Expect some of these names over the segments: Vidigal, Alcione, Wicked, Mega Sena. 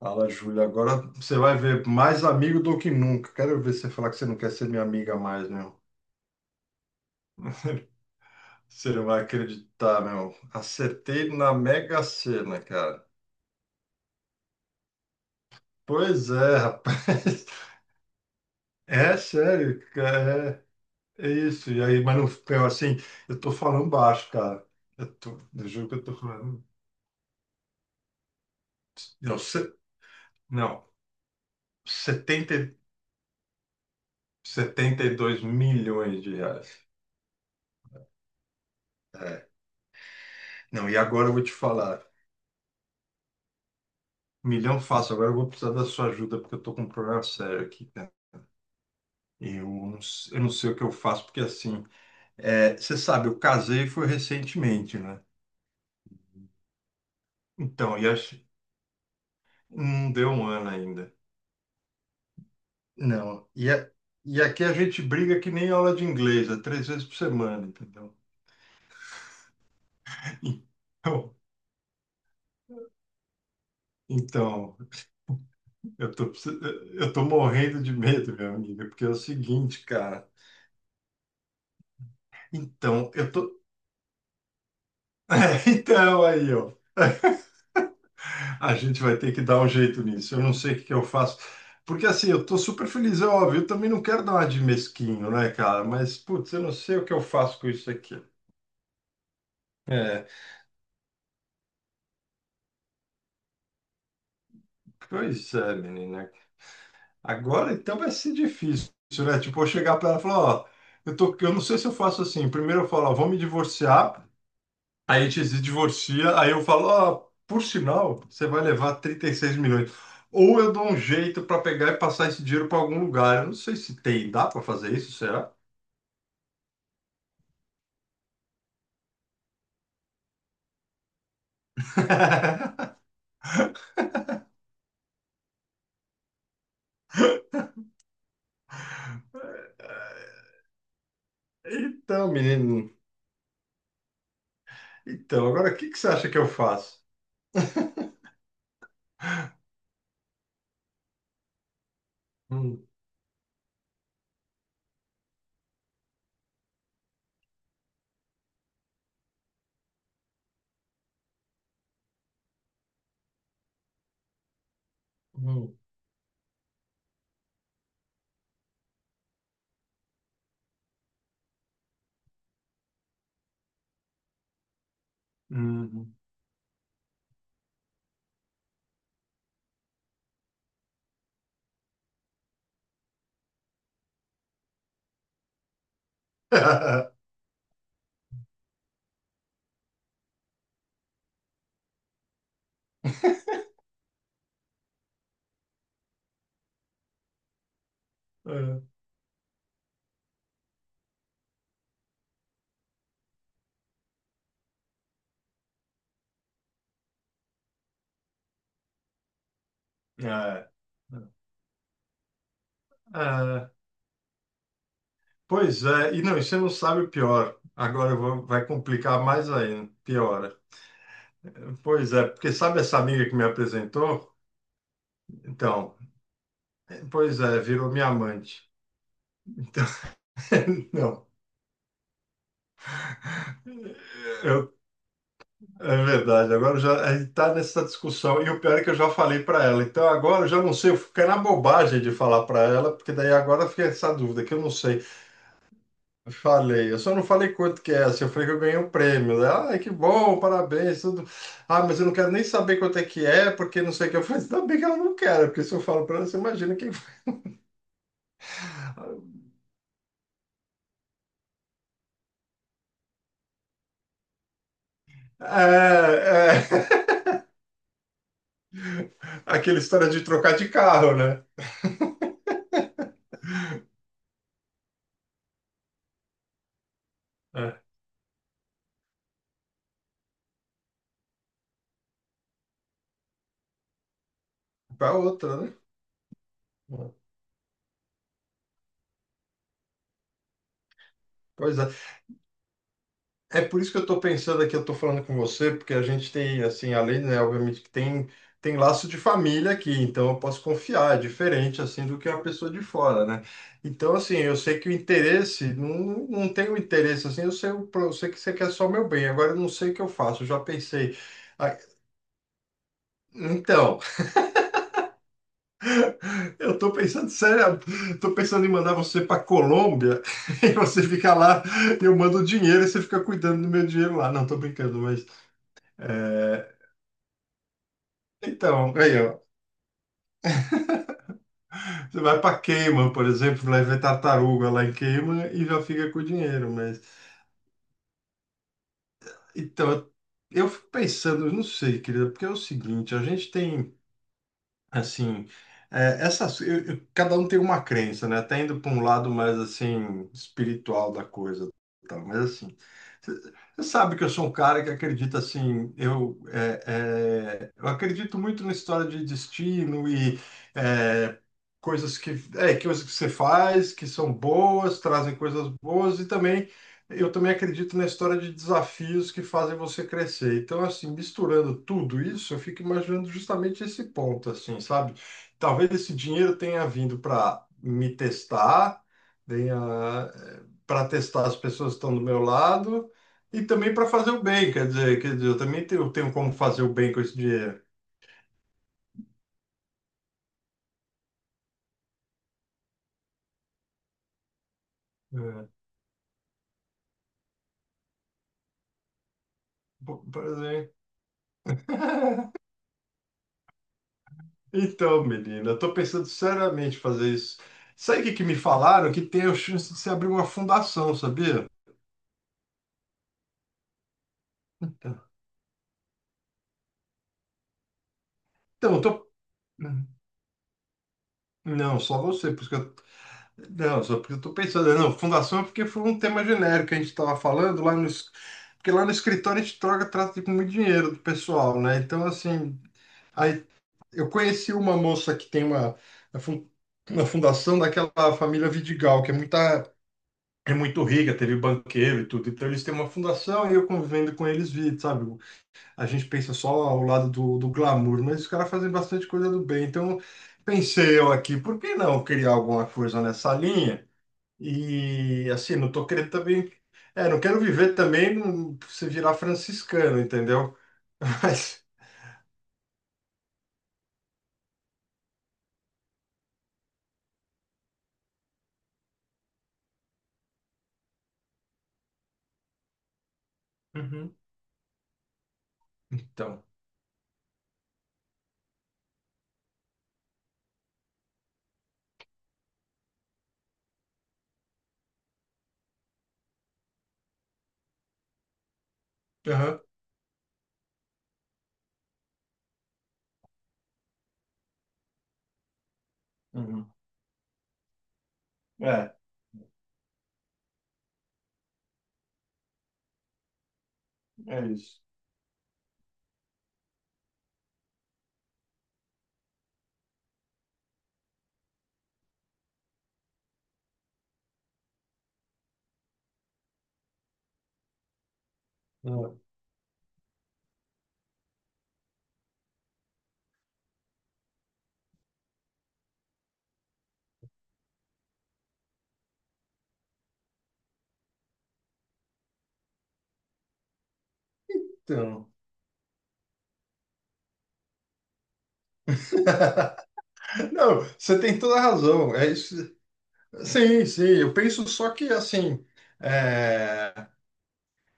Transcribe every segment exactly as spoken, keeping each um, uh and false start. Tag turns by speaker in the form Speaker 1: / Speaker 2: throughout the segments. Speaker 1: Fala, Júlia. Agora você vai ver mais amigo do que nunca. Quero ver você falar que você não quer ser minha amiga mais, meu. Você não vai acreditar, meu. Acertei na Mega Sena, cara. Pois é, rapaz. É sério, cara. É, é isso. E aí, mas não, meu, assim, eu tô falando baixo, cara. Eu tô, eu juro que eu tô falando. Não, se, não. setenta, e- setenta e dois milhões de reais. É. Não, e agora eu vou te falar. Milhão fácil. Agora eu vou precisar da sua ajuda porque eu tô com um problema sério aqui, cara. Eu não, s- eu não sei o que eu faço porque assim, é, você sabe, eu casei foi recentemente, né? Então, e acho, não deu um ano ainda. Não. E, a- e aqui a gente briga que nem aula de inglês, é três vezes por semana, entendeu? Então, então, eu tô, precis- eu tô morrendo de medo, meu amigo, porque é o seguinte, cara. Então, eu tô. Então, aí, ó. A gente vai ter que dar um jeito nisso. Eu não sei o que que eu faço. Porque assim, eu tô super feliz, é óbvio. Eu também não quero dar uma de mesquinho, né, cara? Mas, putz, eu não sei o que eu faço com isso aqui. Pois é, menina. Agora então vai ser difícil, né? Tipo, eu chegar pra ela e falar, ó, eu tô, eu não sei se eu faço assim. Primeiro eu falo, ó, vou me divorciar. Aí a gente se divorcia. Aí eu falo, ó, por sinal, você vai levar 36 milhões. Ou eu dou um jeito pra pegar e passar esse dinheiro pra algum lugar. Eu não sei se tem, dá pra fazer isso, será? Então, menino. Então, agora o que que você acha que eu faço? Hum, hum, hum. Ah, ah, ah. Pois é, e não, e você não sabe o pior. Agora eu vou- vai complicar mais ainda, piora. Pois é, porque sabe essa amiga que me apresentou? Então, pois é, virou minha amante. Então, não. Eu É verdade, agora já a gente está nessa discussão. E o pior é que eu já falei para ela. Então agora eu já não sei, eu fiquei na bobagem de falar para ela, porque daí agora fica essa dúvida que eu não sei. Falei, eu só não falei quanto que é, assim, eu falei que eu ganhei um prêmio. Ela, ai, que bom, parabéns, tudo. Ah, mas eu não quero nem saber quanto é que é, porque não sei o que eu faço. Ainda bem que ela não quer, né? Porque se eu falo para ela, você imagina quem fala. É, é aquela história de trocar de carro, né? É. Para outra, né? Pois é. É por isso que eu estou pensando aqui, eu estou falando com você, porque a gente tem, assim, além, né, obviamente que tem, tem laço de família aqui, então eu posso confiar, é diferente, assim, do que uma pessoa de fora, né? Então, assim, eu sei que o interesse, não, não tenho interesse, assim, eu sei, o pro- eu sei que você quer só o meu bem, agora eu não sei o que eu faço, eu já pensei. Ah, então, eu estou pensando, sério, estou pensando em mandar você para Colômbia e você fica lá, eu mando o dinheiro e você fica cuidando do meu dinheiro lá. Não, estou brincando, mas. é, Então, aí, ó. Você vai para Cayman, por exemplo, vai ver tartaruga lá em Cayman e já fica com o dinheiro, mas... Então, eu fico pensando, eu não sei, querida, porque é o seguinte, a gente tem... Assim, é, essas, eu- eu- cada um tem uma crença, né? Até indo para um lado mais assim espiritual da coisa, tal. Mas assim, você sabe que eu sou um cara que acredita assim, eu, é, é, eu acredito muito na história de destino e é, coisas que, é, coisas que você faz que são boas, trazem coisas boas e também eu também acredito na história de desafios que fazem você crescer. Então, assim, misturando tudo isso, eu fico imaginando justamente esse ponto, assim, sabe? Talvez esse dinheiro tenha vindo para me testar, tenha para testar as pessoas que estão do meu lado e também para fazer o bem. Quer dizer, quer dizer, eu também tenho, tenho como fazer o bem com esse dinheiro. É. Por por exemplo. Então, menina, eu tô pensando seriamente em fazer isso. Sabe o que que me falaram? Que tem a chance de se abrir uma fundação, sabia? Então, então, eu tô. Não, só você, porque eu. Não, só porque eu tô pensando. Não, fundação é porque foi um tema genérico que a gente estava falando lá no. es- porque lá no escritório a gente troca, trata com muito dinheiro do pessoal, né? Então, assim. Aí eu conheci uma moça que tem uma. a fun- Uma fundação daquela família Vidigal, que é muita. É muito rica, teve banqueiro e tudo. Então, eles têm uma fundação e eu convivendo com eles vi, sabe? A gente pensa só ao lado do, do glamour, mas os caras fazem bastante coisa do bem. Então, pensei eu aqui, por que não criar alguma coisa nessa linha? E assim, não tô querendo também. É, não quero viver também num- se virar franciscano, entendeu? Mas, uhum. Então. Aham. Uhum. É, é isso. Então, não, você tem toda a razão. É isso. Sim, sim, eu penso só que assim, é,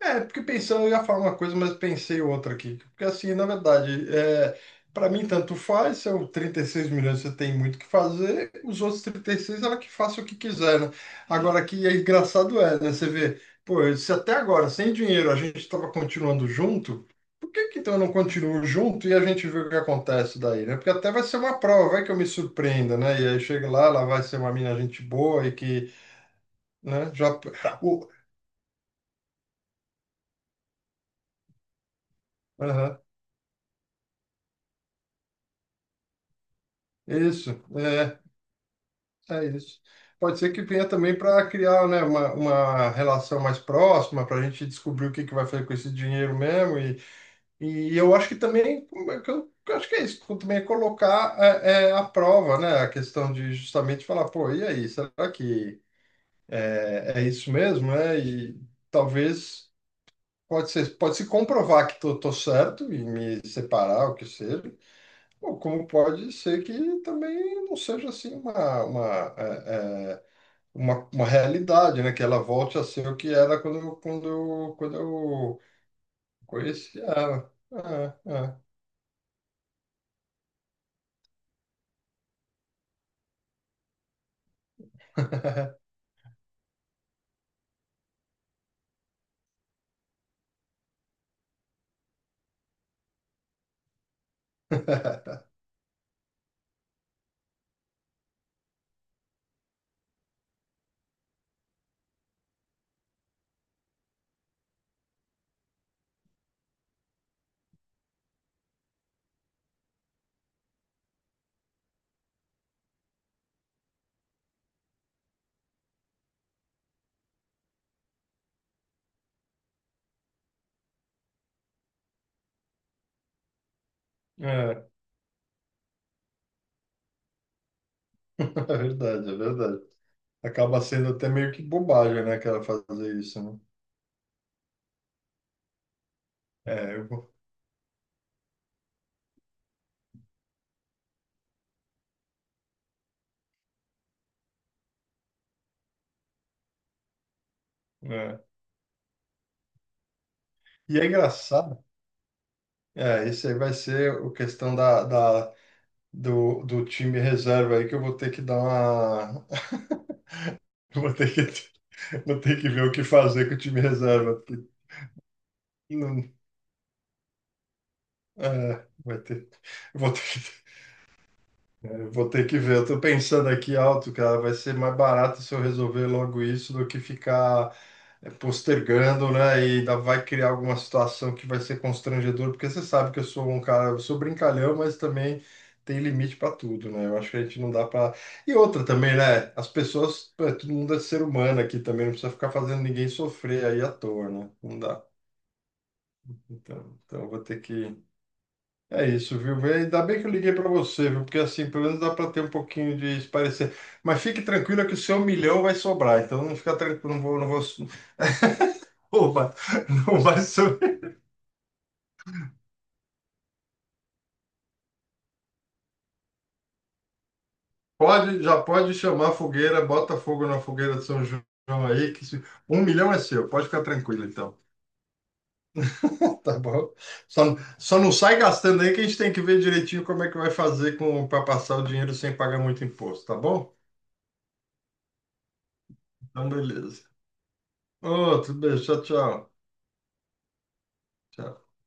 Speaker 1: É, porque pensando, eu ia falar uma coisa, mas pensei outra aqui. Porque assim, na verdade, é, para mim tanto faz, são trinta e seis milhões, você tem muito o que fazer, os outros trinta e seis ela que faça o que quiser, né? Agora que é engraçado é, né? Você vê, pô, se até agora, sem dinheiro, a gente estava continuando junto, por que que então eu não continuo junto e a gente vê o que acontece daí, né? Porque até vai ser uma prova, vai que eu me surpreenda, né? E aí chega lá, ela vai ser uma mina gente boa e que, né, já... o- Aham, isso, é. É isso. Pode ser que venha também para criar, né, uma, uma relação mais próxima, para a gente descobrir o que que vai fazer com esse dinheiro mesmo. E, e eu acho que também, como é que eu, eu acho que é isso, também é colocar é, é, à prova, né, a questão de justamente falar, pô, e aí, será que é, é isso mesmo, né? E talvez pode ser, pode se comprovar que tô, tô certo e me separar, o que seja. Ou como pode ser que também não seja assim uma, uma, é, é, uma, uma realidade, né? Que ela volte a ser o que era quando eu, quando eu, quando eu conheci ela. É, é, é. É verdade, é verdade. Acaba sendo até meio que bobagem, né? Que ela fazer isso, né? É, eu vou. É. E é engraçado, é, isso aí vai ser o questão da, da, do, do time reserva aí que eu vou ter que dar uma. Eu Vou ter que, vou ter que ver o que fazer com o time reserva. Porque não, é, vai ter, eu vou ter que eu vou ter que ver. Eu tô pensando aqui alto, cara. Vai ser mais barato se eu resolver logo isso do que ficar eh, postergando, né? E ainda vai criar alguma situação que vai ser constrangedor, porque você sabe que eu sou um cara, eu sou brincalhão, mas também tem limite para tudo, né? Eu acho que a gente não dá para. E outra também, né? As pessoas, pô, todo mundo é ser humano aqui também, não precisa ficar fazendo ninguém sofrer aí à toa, né? Não dá. Então, então eu vou ter que é isso, viu? Vê, ainda bem que eu liguei para você, viu? Porque assim, pelo menos dá para ter um pouquinho de parecer. Mas fique tranquila que o seu milhão vai sobrar, então não fica tranquilo, não vou, não vou, opa, não vai sobrar. Pode, já pode chamar a fogueira, bota fogo na fogueira de São João aí, que se- um milhão é seu, pode ficar tranquilo então. Tá bom? Só, só não sai gastando aí que a gente tem que ver direitinho como é que vai fazer com para passar o dinheiro sem pagar muito imposto, tá bom? Então, beleza. Outro beijo, tchau, tchau. Tchau.